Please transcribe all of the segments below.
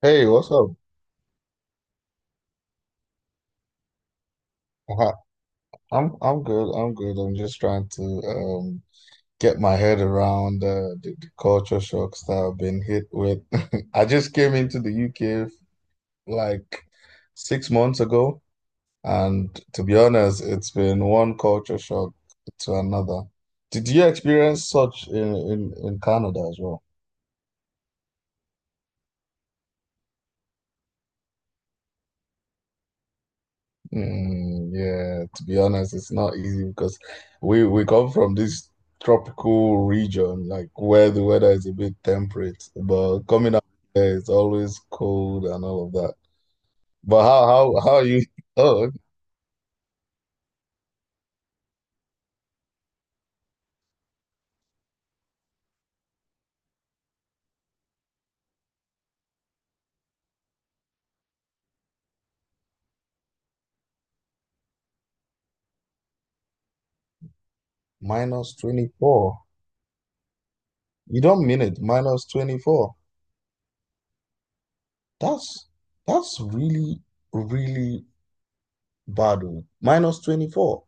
Hey, what's up? Hi. I'm good. I'm good. I'm just trying to um get my head around the culture shocks that I've been hit with. I just came into the UK like six months ago, and to be honest, it's been one culture shock to another. Did you experience such in Canada as well? Yeah, to be honest, it's not easy because we come from this tropical region, like where the weather is a bit temperate, but coming out there it's always cold and all of that. But how are you? Oh, okay. Minus 24. You don't mean it, minus 24. That's that's really bad. Oh. Minus 24.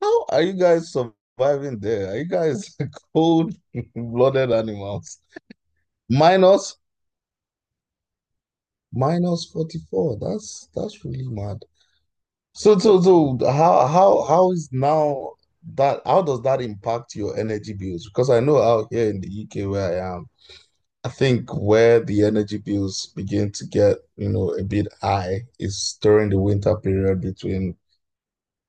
How are you guys surviving there? Are you guys cold-blooded animals? Minus Minus 44. That's really mad. So how is now that, how does that impact your energy bills? Because I know out here in the UK where I am, I think where the energy bills begin to get, you know, a bit high is during the winter period between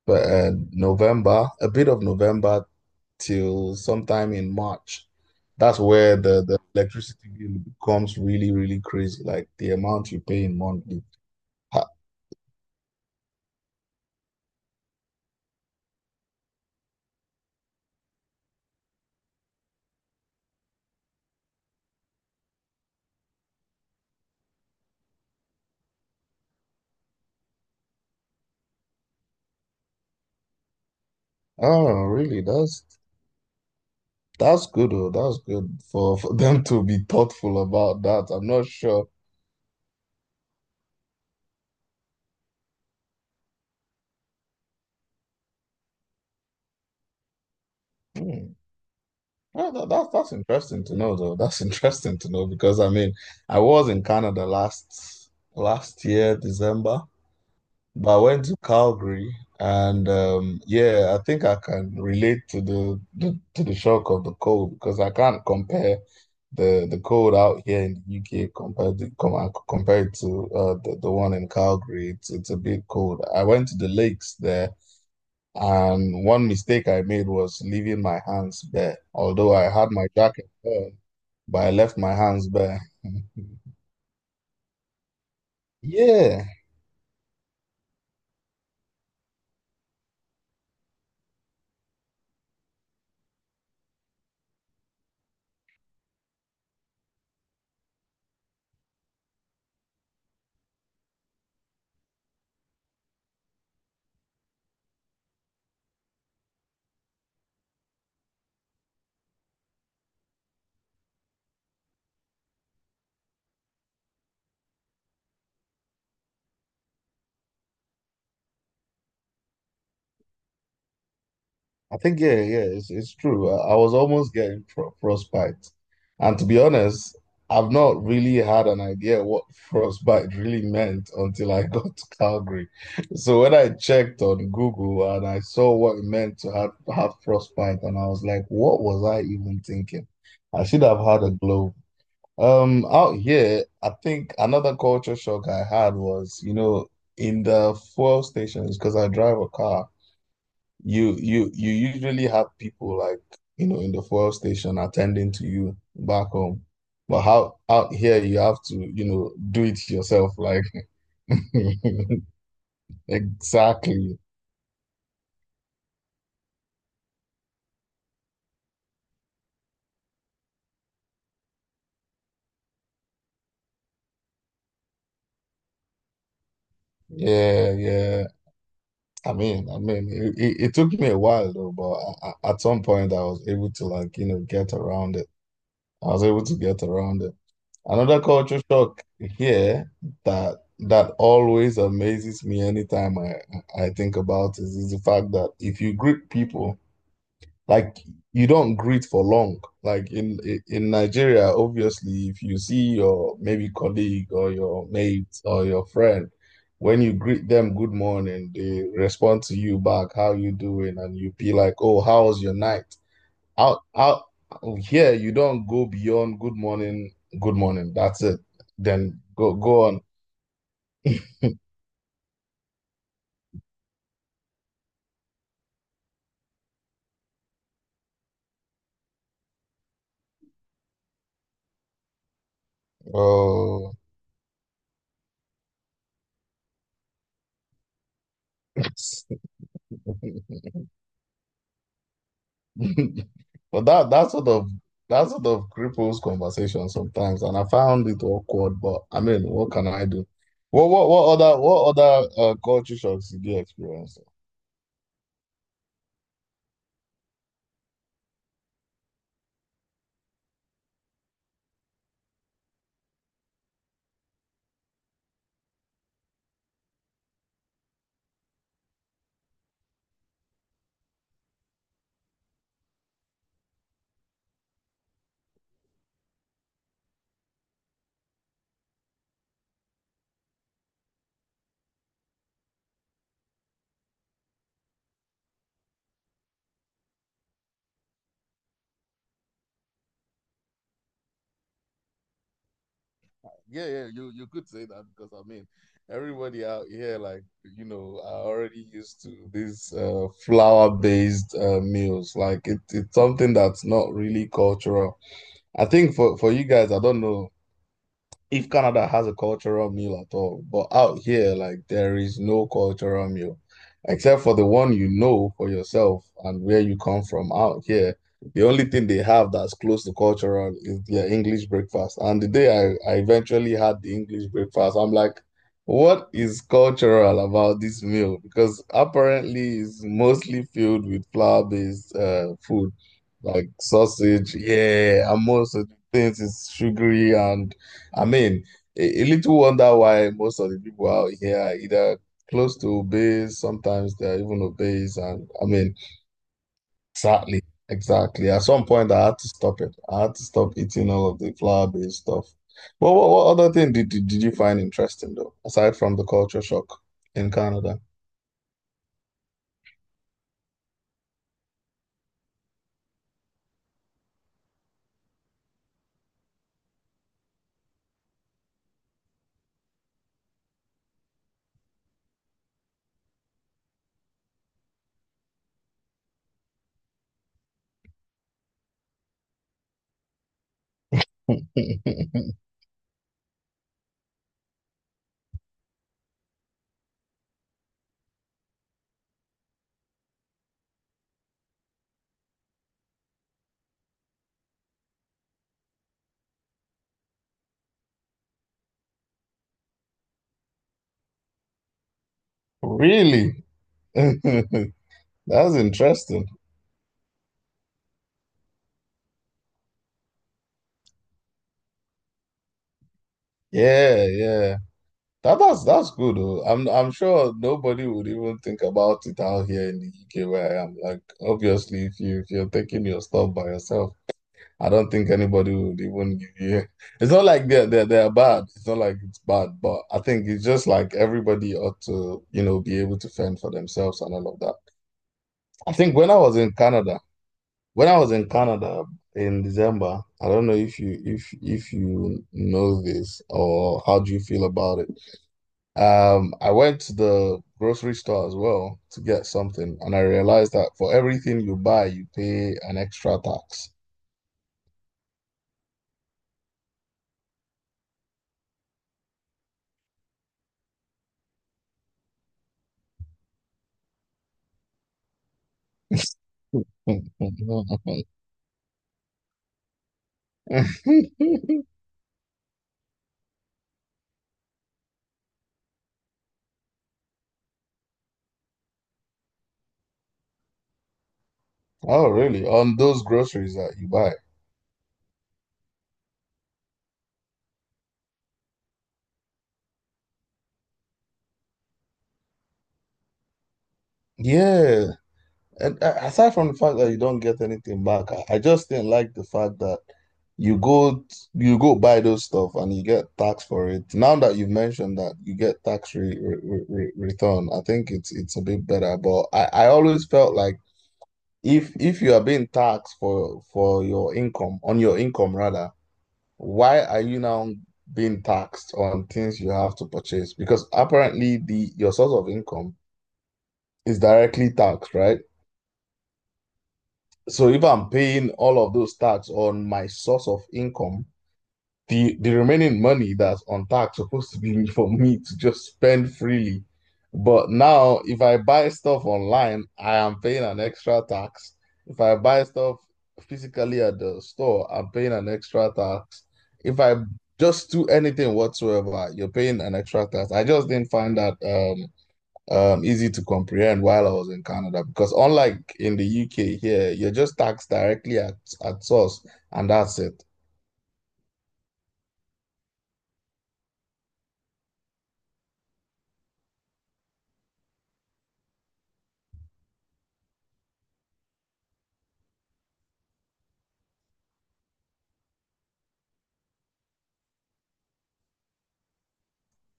November, a bit of November till sometime in March. That's where the electricity bill becomes really, really crazy, like the amount you pay in monthly. Oh, really? That's good. Oh, that's good for them to be thoughtful about that. I'm not sure. Hmm. Oh, that's interesting to know, though. That's interesting to know because I mean, I was in Canada last year, December. But I went to Calgary, and yeah, I think I can relate to the shock of the cold because I can't compare the cold out here in the UK compared to compared to the one in Calgary. It's a bit cold. I went to the lakes there, and one mistake I made was leaving my hands bare. Although I had my jacket on, but I left my hands bare. Yeah. I think yeah, it's true. I was almost getting pro frostbite, and to be honest, I've not really had an idea what frostbite really meant until I got to Calgary. So when I checked on Google and I saw what it meant to have frostbite, and I was like, what was I even thinking? I should have had a globe. Out here, I think another culture shock I had was, you know, in the fuel stations because I drive a car, you usually have people like, you know, in the fuel station attending to you back home, but how out here you have to, you know, do it yourself, like. Exactly. Yeah, yeah. I mean it took me a while, though, but at some point I was able to, like, you know, get around it. I was able to get around it. Another culture shock here that that always amazes me anytime I think about it is the fact that if you greet people, like, you don't greet for long. Like in Nigeria, obviously, if you see your maybe colleague or your mate or your friend, when you greet them good morning, they respond to you back, how you doing? And you be like, oh, how was your night? Out here, you don't go beyond good morning, good morning. That's it. Then go on. Oh, but that that sort of that sort of cripples conversation sometimes, and I found it awkward. But I mean, what can I do? What other culture shocks did you experience? Yeah, yeah, you could say that because I mean, everybody out here, like, you know, are already used to these flour-based meals. Like, it's something that's not really cultural. I think for you guys, I don't know if Canada has a cultural meal at all. But out here, like, there is no cultural meal except for the one you know for yourself and where you come from. Out here, the only thing they have that's close to cultural is their English breakfast. And the day I eventually had the English breakfast, I'm like, what is cultural about this meal? Because apparently it's mostly filled with flour-based food, like sausage, yeah, and most of the things is sugary, and I mean, a little wonder why most of the people out here are either close to obese, sometimes they're even obese. And I mean, exactly, exactly. At some point, I had to stop it. I had to stop eating all of the flour-based stuff. But what other thing did you find interesting, though, aside from the culture shock in Canada? Really? That's interesting. Yeah, yeah. That, that's good though. I'm sure nobody would even think about it out here in the UK where I am. Like, obviously, if you, if you're taking your stuff by yourself, I don't think anybody would even give you. It's not like they're they're bad. It's not like it's bad, but I think it's just like everybody ought to, you know, be able to fend for themselves and all of that. I think when I was in Canada, when I was in Canada in December, I don't know if you, if you know this, or how do you feel about it? I went to the grocery store as well to get something, and I realized that for everything you buy, you pay an extra tax. Oh, really? On those groceries that you buy. Yeah. And aside from the fact that you don't get anything back, I just didn't like the fact that you go you go buy those stuff and you get taxed for it. Now that you've mentioned that you get tax return, I think it's a bit better. But I always felt like, if you are being taxed for your income, on your income rather, why are you now being taxed on things you have to purchase? Because apparently the your source of income is directly taxed, right? So if I'm paying all of those tax on my source of income, the remaining money that's on tax supposed to be for me to just spend freely. But now, if I buy stuff online, I am paying an extra tax. If I buy stuff physically at the store, I'm paying an extra tax. If I just do anything whatsoever, you're paying an extra tax. I just didn't find that easy to comprehend while I was in Canada because, unlike in the UK here, you're just taxed directly at source, and that's it.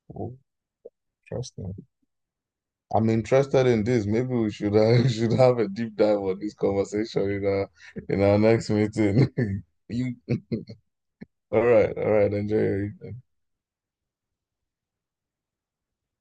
Oh, interesting. I'm interested in this. Maybe we should, we should have a deep dive on this conversation in our, in our next meeting. You, all right, enjoy your evening.